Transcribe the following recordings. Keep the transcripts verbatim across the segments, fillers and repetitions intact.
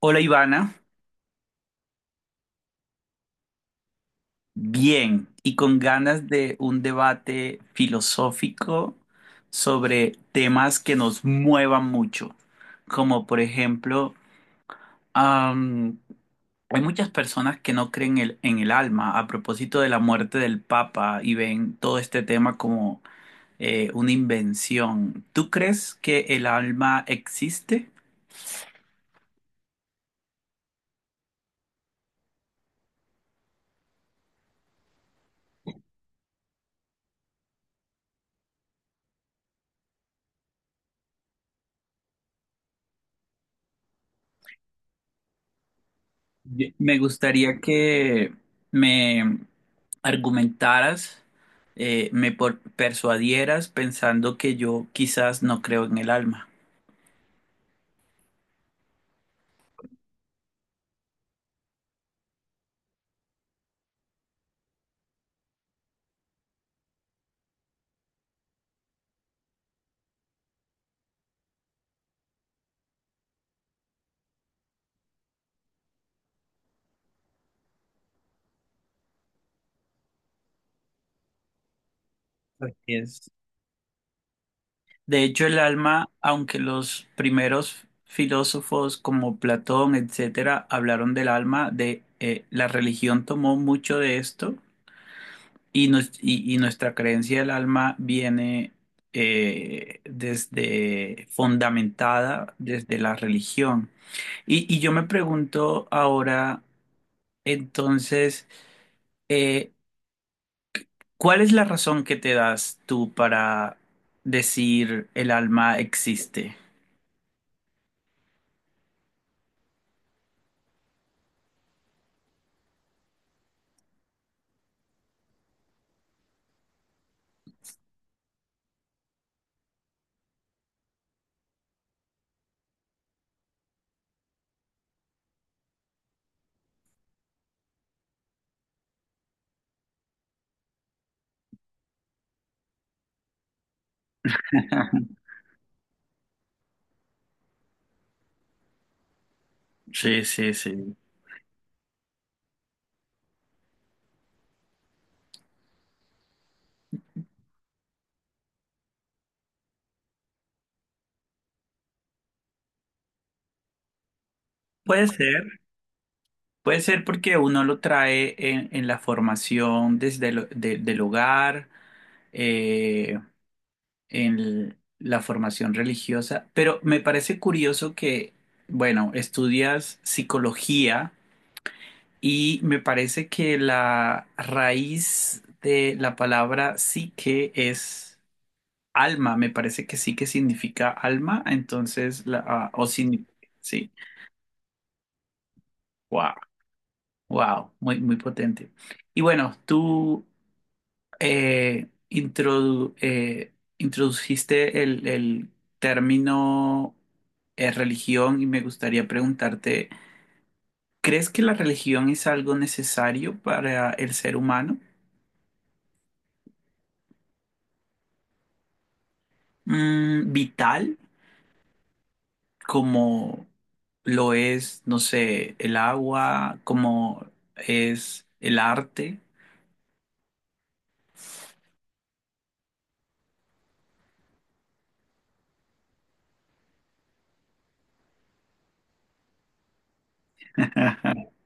Hola Ivana, bien y con ganas de un debate filosófico sobre temas que nos muevan mucho, como por ejemplo, am, hay muchas personas que no creen el- en el alma a propósito de la muerte del Papa y ven todo este tema como eh, una invención. ¿Tú crees que el alma existe? Ye- Me gustaría que me argumentaras, eh, me por- persuadieras pensando que yo quizás no creo en el alma. Así es. De hecho, el alma, aunque los primeros filósofos como Platón, etcétera, hablaron del alma, de eh, la religión tomó mucho de esto y, nos- y- y nuestra creencia del alma viene eh, desde fundamentada desde la religión. Y, y yo me pregunto ahora, entonces, eh, ¿cuál es la razón que te das tú para decir el alma existe? Sí, sí, sí. Puede ser, puede ser porque uno lo trae en, en la formación desde el de- del hogar, eh, en l- la formación religiosa, pero me parece curioso que, bueno, estudias psicología. Y me parece que la raíz de la palabra psique es alma. Me parece que sí que significa alma. Entonces, la, ah, o signi- sí. Wow, wow, muy, muy potente. Y bueno, tú eh, introdu- eh, introduciste el, el término eh, religión y me gustaría preguntarte, ¿crees que la religión es algo necesario para el ser humano? Mm, ¿vital? Como lo es, no sé, el agua, como es el arte,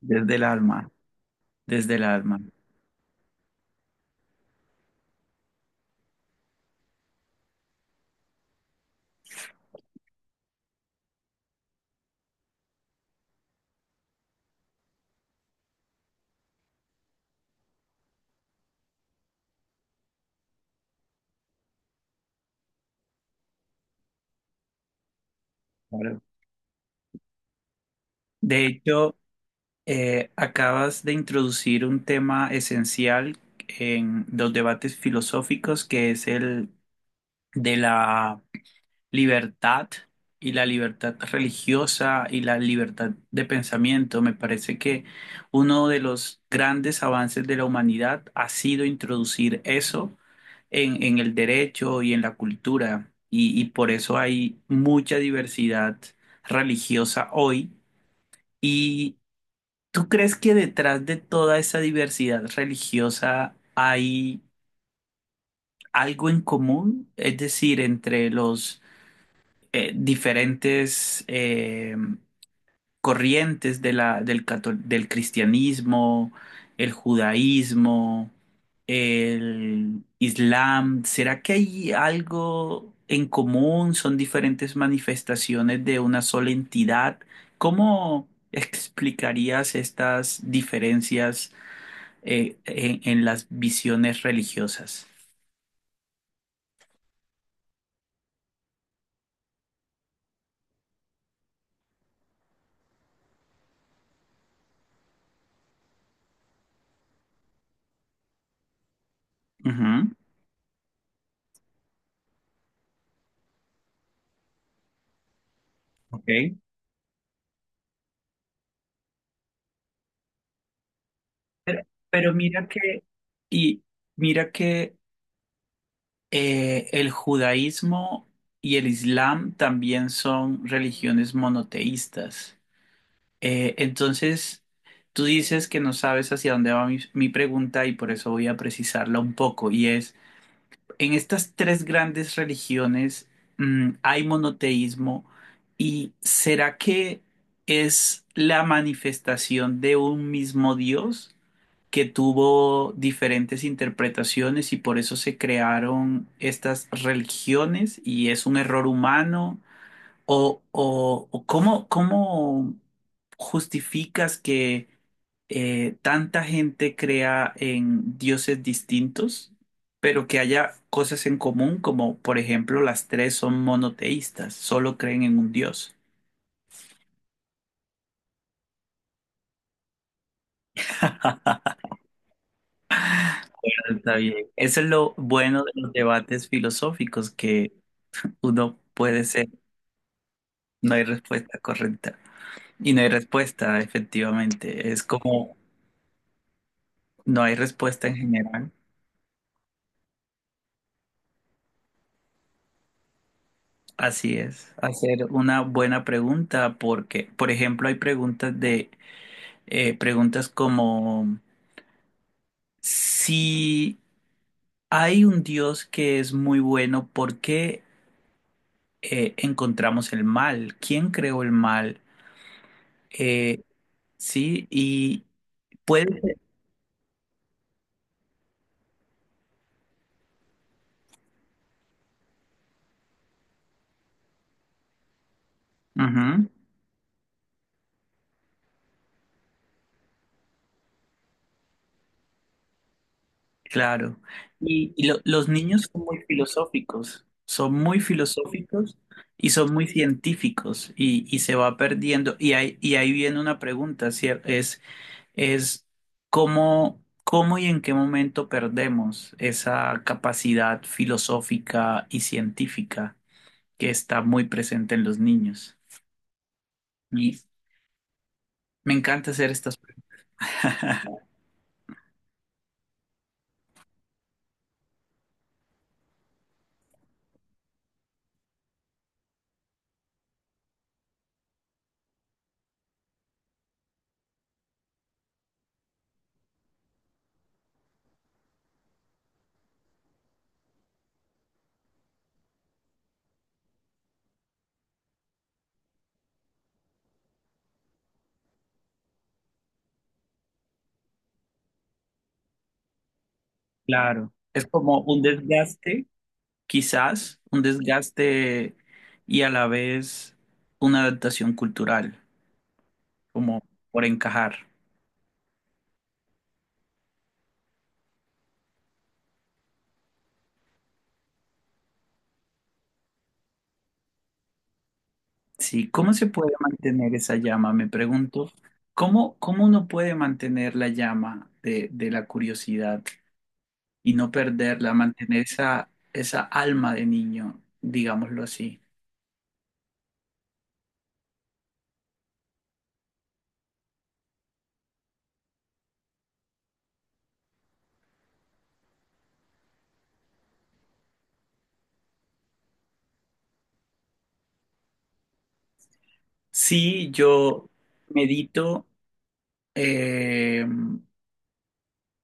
desde el alma, desde el alma. Claro. De hecho, eh, acabas de introducir un tema esencial en los debates filosóficos, que es el de la libertad y la libertad religiosa y la libertad de pensamiento. Me parece que uno de los grandes avances de la humanidad ha sido introducir eso en, en el derecho y en la cultura, y, y por eso hay mucha diversidad religiosa hoy. ¿Y tú crees que detrás de toda esa diversidad religiosa hay algo en común? Es decir, entre los eh, diferentes eh, corrientes de la, del, catol- del cristianismo, el judaísmo, el islam. ¿Será que hay algo en común? ¿Son diferentes manifestaciones de una sola entidad? ¿Cómo explicarías estas diferencias eh, en, en las visiones religiosas? Ujú. Ok. Pero, pero mira que, y mira que Eh, el judaísmo y el islam también son religiones monoteístas. Eh, entonces, tú dices que no sabes hacia dónde va mi, mi pregunta y por eso voy a precisarla un poco. Y es, en estas tres grandes religiones, mm, hay monoteísmo y ¿será que es la manifestación de un mismo Dios? ¿Que tuvo diferentes interpretaciones y por eso se crearon estas religiones y es un error humano? ¿O, o, o cómo, cómo justificas que eh, tanta gente crea en dioses distintos, pero que haya cosas en común, como por ejemplo las tres son monoteístas, solo creen en un dios? Está bien. Eso es lo bueno de los debates filosóficos, que uno puede ser. No hay respuesta correcta. Y no hay respuesta, efectivamente. Es como no hay respuesta en general. Así es. Hacer una buena pregunta porque, por ejemplo, hay preguntas de eh, preguntas como si hay un Dios que es muy bueno, ¿por qué eh, encontramos el mal? ¿Quién creó el mal? Eh, sí, y puede ser. Ujú. Claro. Y, y lo- los niños son muy filosóficos, son muy filosóficos y son muy científicos y, y se va perdiendo. Y ahí, y ahí viene una pregunta, cier- Es, es cómo, cómo y en qué momento perdemos esa capacidad filosófica y científica que está muy presente en los niños. Y me encanta hacer estas preguntas. Claro, es como un desgaste. Quizás un desgaste y a la vez una adaptación cultural, como por encajar. Sí, ¿cómo se puede mantener esa llama? Me pregunto, ¿cómo, cómo uno puede mantener la llama de, de la curiosidad y no perderla, mantener esa, esa alma de niño, digámoslo así? Sí, yo medito. eh,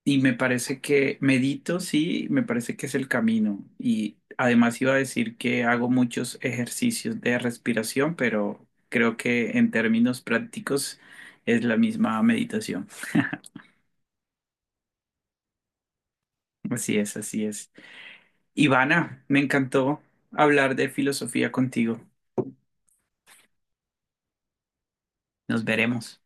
Y me parece que medito, sí, me parece que es el camino. Y además iba a decir que hago muchos ejercicios de respiración, pero creo que en términos prácticos es la misma meditación. Así es, así es. Ivana, me encantó hablar de filosofía contigo. Nos veremos.